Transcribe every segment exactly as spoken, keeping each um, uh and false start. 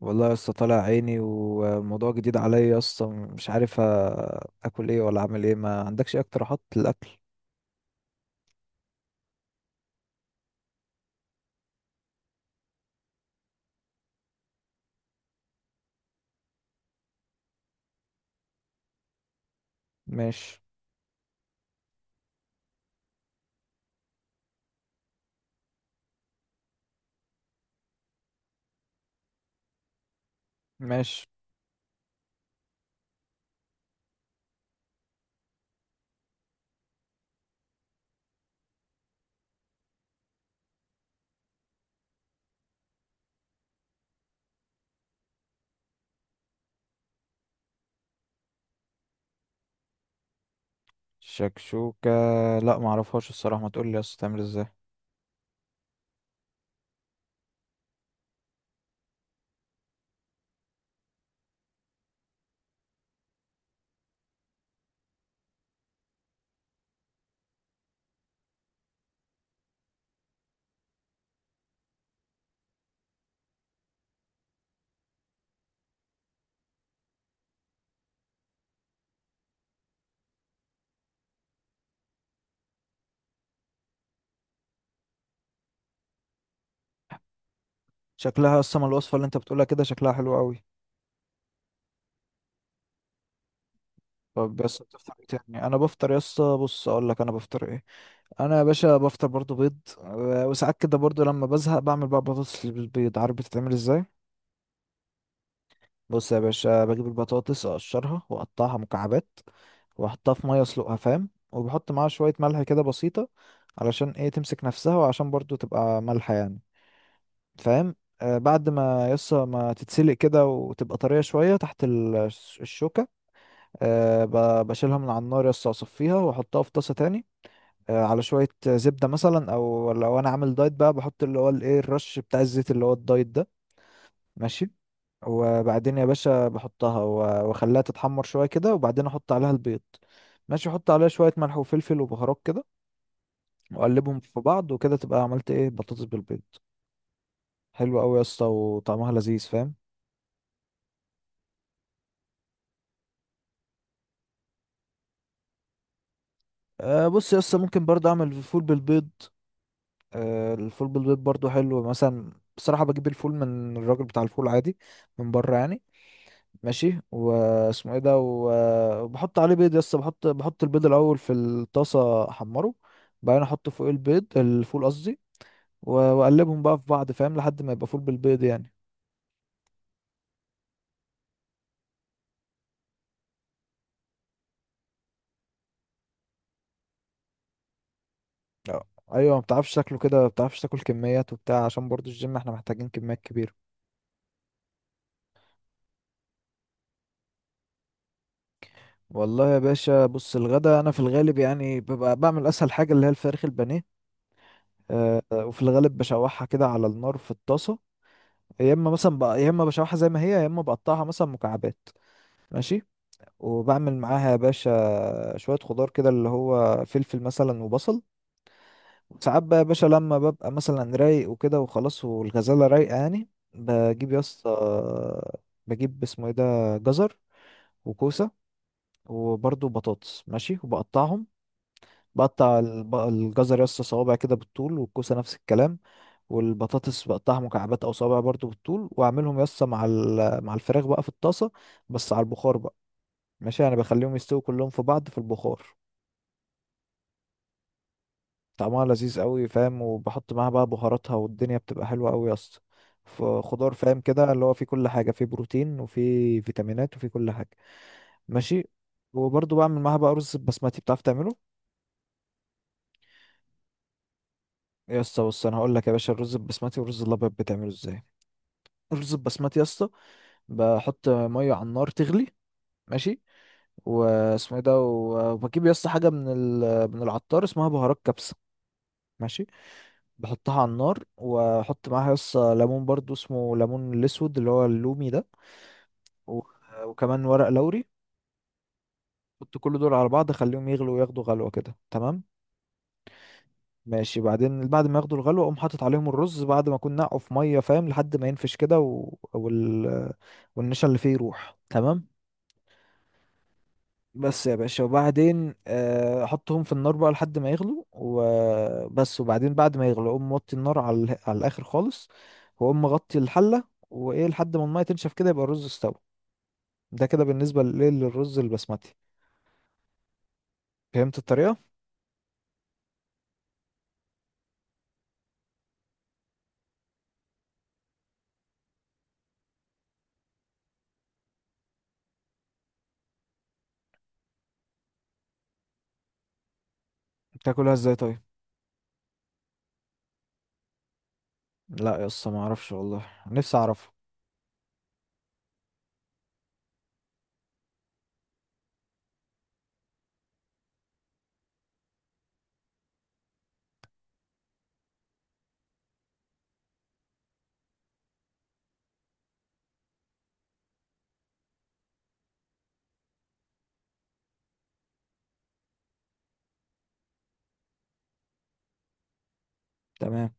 والله يا اسطى، طالع عيني وموضوع جديد عليا يا اسطى، مش عارف آه، اكل ايه ولا اعمل ايه؟ ما عندكش اي اقتراحات للاكل؟ ماشي. ماشي. شكشوكة؟ لا ما اعرفهاش الصراحة، ما تقول لي يا اسطى تعمل ازاي. شكلها اصلا الوصفة اللي انت بتقولها كده شكلها حلو قوي. طب بس بتفطر ايه تاني؟ انا بفطر يا اسطى، بص اقول لك انا بفطر ايه. انا يا باشا بفطر برضو بيض آه، وساعات كده برضو لما بزهق بعمل بقى بطاطس بالبيض، عارف بتتعمل ازاي؟ بص يا باشا، بجيب البطاطس اقشرها واقطعها مكعبات واحطها في ميه اسلقها، فاهم، وبحط معاها شويه ملح كده بسيطه، علشان ايه، تمسك نفسها وعشان برضو تبقى مالحه يعني، فاهم. آه، بعد ما يسا ما تتسلق كده وتبقى طريه شويه تحت ال- الش- الشوكه، آه، ب- بشيلها من على النار، يسا اصفيها واحطها في طاسه تاني، آه، على شويه زبده مثلا، او لو انا عامل دايت بقى بحط اللي هو الايه الرش بتاع الزيت اللي هو الدايت ده. ماشي. وبعدين يا باشا بحطها و- واخليها تتحمر شويه كده، وبعدين احط عليها البيض. ماشي، احط عليها شويه ملح وفلفل وبهارات كده، واقلبهم في بعض وكده تبقى عملت ايه، بطاطس بالبيض. حلوه قوي يا اسطى وطعمها لذيذ، فاهم. أه، بص يا اسطى، ممكن برضه اعمل فول بالبيض. أه، الفول بالبيض برضه حلو مثلا، بصراحه بجيب الفول من الراجل بتاع الفول عادي، من بره يعني. ماشي، واسمه ايه ده، و- وبحط عليه بيض، يس بحط بحط البيض الاول في الطاسه احمره، بعدين احط فوق البيض الفول قصدي، و- واقلبهم بقى في بعض، فاهم، لحد ما يبقى فول بالبيض يعني. آه. ايوه، ما بتعرفش تاكله كده، ما بتعرفش تاكل كميات وبتاع، عشان برضو الجيم احنا محتاجين كميات كبيره. والله يا باشا، بص الغدا انا في الغالب يعني ببقى بعمل اسهل حاجه اللي هي الفراخ البانيه. أه، وفي الغالب بشوحها كده على النار في الطاسه. يا اما مثلا بقى يا اما بشوحها زي ما هي، يا اما بقطعها مثلا مكعبات. ماشي، وبعمل معاها يا باشا شوية خضار كده اللي هو فلفل مثلا وبصل. وساعات بقى يا باشا لما ببقى مثلا رايق وكده وخلاص، والغزالة رايقة يعني، بجيب يا اسطى، بجيب اسمه ايه ده، جزر وكوسة وبرضه بطاطس، ماشي، وبقطعهم. بقطع الب- الجزر يا اسطى صوابع كده بالطول، والكوسة نفس الكلام، والبطاطس بقطعها مكعبات او صوابع برضه بالطول، واعملهم يا اسطى مع ال- مع الفراخ بقى في الطاسة، بس على البخار بقى، ماشي، يعني بخليهم يستووا كلهم في بعض في البخار. طعمها لذيذ قوي، فاهم، وبحط معاها بقى بهاراتها، والدنيا بتبقى حلوة قوي يا اسطى. فخضار فاهم كده اللي هو فيه كل حاجة، فيه بروتين وفيه فيتامينات وفيه كل حاجة. ماشي. وبرضه بعمل معاها بقى رز بسمتي، بتعرف تعمله؟ يا اسطى بص انا هقول لك يا باشا الرز البسمتي والرز الابيض بتعمله ازاي. الرز البسمتي يا اسطى، بحط ميه على النار تغلي، ماشي، واسمه ايه ده و- وبجيب يا اسطى حاجه من ال... من العطار اسمها بهارات كبسه، ماشي، بحطها على النار واحط معاها يس ليمون برضو اسمه ليمون الاسود اللي هو اللومي ده، و- وكمان ورق لوري، احط كل دول على بعض اخليهم يغلوا وياخدوا غلوه كده، تمام، ماشي. بعدين بعد ما ياخدوا الغلوه اقوم حاطط عليهم الرز، بعد ما اكون نقعه في ميه فاهم، لحد ما ينفش كده و... وال... والنشا اللي فيه يروح، تمام، بس يا باشا. وبعدين آه، احطهم في النار بقى لحد ما يغلوا وبس، وبعدين بعد ما يغلوا اقوم موطي النار على اله- على الاخر خالص، واقوم مغطي الحله وايه لحد ما الميه تنشف كده يبقى الرز استوى. ده كده بالنسبه للايه للرز البسمتي، فهمت الطريقه؟ بتاكلها ازاي طيب؟ لا يا اسطى ما اعرفش والله، نفسي اعرفها. تمام.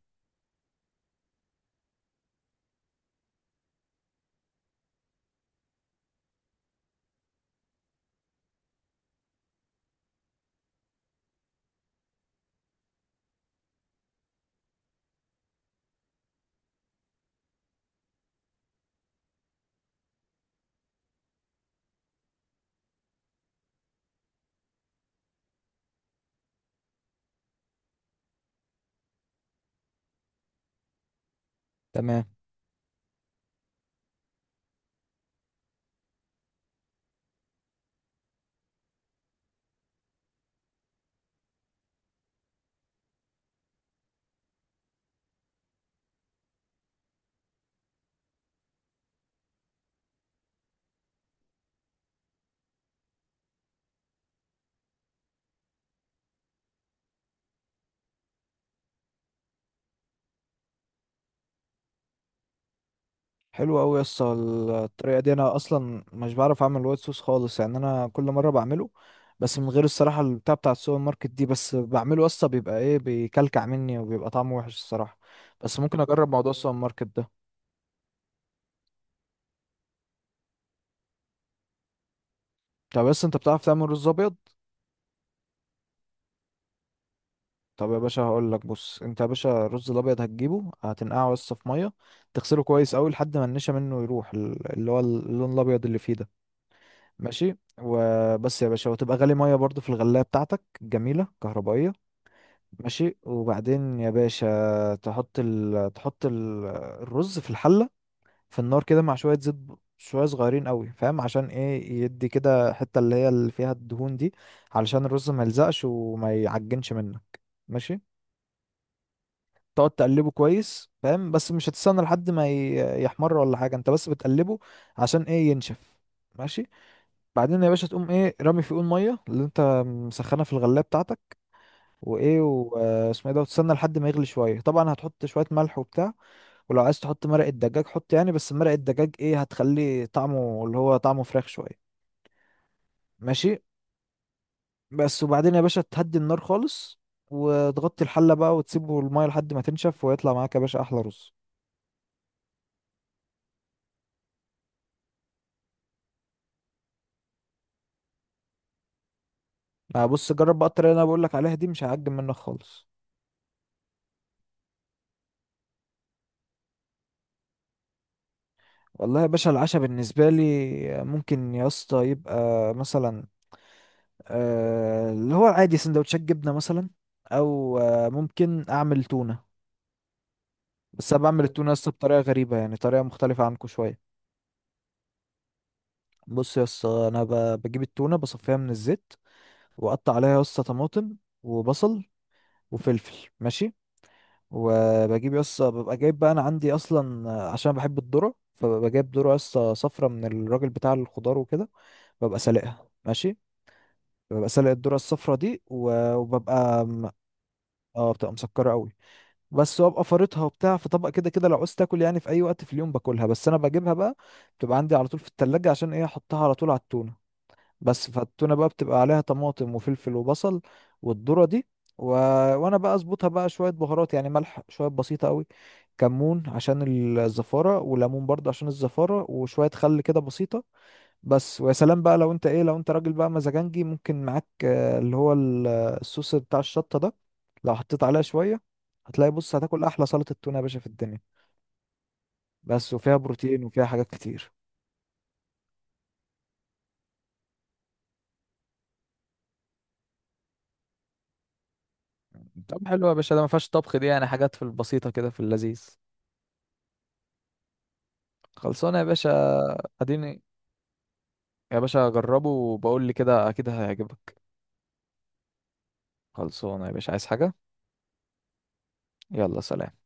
تمام. حلو قوي يا اسطى الطريقه دي، انا اصلا مش بعرف اعمل وايت صوص خالص يعني، انا كل مره بعمله بس من غير الصراحه، البتاع بتاع السوبر ماركت دي، بس بعمله يا اسطى بيبقى ايه، بيكلكع مني وبيبقى طعمه وحش الصراحه، بس ممكن اجرب موضوع السوبر ماركت ده. طب بس انت بتعرف تعمل رز ابيض؟ طب يا باشا هقول لك. بص انت يا باشا الرز الابيض هتجيبه هتنقعه بس في ميه، تغسله كويس قوي لحد ما النشا منه يروح، ال- اللي هو اللون الابيض اللي فيه ده. ماشي، وبس يا باشا، وتبقى غالي ميه برضو في الغلايه بتاعتك جميله كهربائيه، ماشي، وبعدين يا باشا تحط ال... تحط ال... الرز في الحلة في النار كده مع شوية زيت ب- شوية صغيرين قوي، فاهم، عشان ايه، يدي كده حتة اللي هي اللي فيها الدهون دي، علشان الرز ما يلزقش وما يعجنش منك. ماشي، تقعد تقلبه كويس، فاهم، بس مش هتستنى لحد ما ي- يحمر ولا حاجة، انت بس بتقلبه عشان ايه، ينشف. ماشي، بعدين يا باشا تقوم ايه رامي في قول مية اللي انت مسخنها في الغلاية بتاعتك، وايه واسمه ايه ده، وتستنى لحد ما يغلي شويه، طبعا هتحط شويه ملح وبتاع، ولو عايز تحط مرق الدجاج حط يعني، بس مرق الدجاج ايه، هتخليه طعمه اللي هو طعمه فراخ شويه، ماشي، بس. وبعدين يا باشا تهدي النار خالص وتغطي الحله بقى، وتسيبه الميه لحد ما تنشف، ويطلع معاك يا باشا احلى رز. آه، بص جرب بقى الطريقه اللي انا بقول لك عليها دي، مش هعجب منك خالص. والله يا باشا العشاء بالنسبه لي ممكن يا اسطى يبقى مثلا آه، اللي هو عادي سندوتشات جبنة مثلا، أو آه، ممكن أعمل تونة، بس أنا بعمل التونة لسه بطريقة غريبة يعني، طريقة مختلفة عنكم شوية. بص يا اسطى أنا ب- بجيب التونة بصفيها من الزيت، وأقطع عليها يا اسطى طماطم وبصل وفلفل، ماشي، وبجيب يا اسطى ببقى جايب بقى، أنا عندي أصلا آه، عشان بحب الذرة فببقى جايب ذرة يا اسطى صفرا من الراجل بتاع الخضار وكده، ببقى سالقها، ماشي، ببقى سالق الذرة الصفرا دي و- وببقى م- اه بتبقى مسكرة قوي. بس وابقى فارطها وبتاع في طبق كده، كده لو عوزت تاكل يعني في اي وقت في اليوم باكلها، بس انا بجيبها بقى بتبقى عندي على طول في التلاجة، عشان ايه، احطها على طول على التونة. بس فالتونة بقى بتبقى عليها طماطم وفلفل وبصل والذرة دي و... وانا بقى اظبطها بقى شوية بهارات يعني، ملح شوية بسيطة قوي، كمون عشان الزفارة، وليمون برضه عشان الزفارة، وشوية خل كده بسيطة. بس ويا سلام بقى لو انت ايه لو انت راجل بقى مزاجنجي، ممكن معاك آه، اللي هو ال- الصوص بتاع الشطة ده، لو حطيت عليها شوية هتلاقي، بص هتاكل احلى سلطة تونة يا باشا في الدنيا، بس. وفيها بروتين وفيها حاجات كتير. طب حلو يا باشا، ده ما فيهاش طبخ دي يعني، حاجات في البسيطة كده في اللذيذ، خلصانة يا باشا. اديني يا باشا جربه وبقول لي كده اكيد هيعجبك. خلصانة يا باشا، عايز حاجة؟ يلا سلام.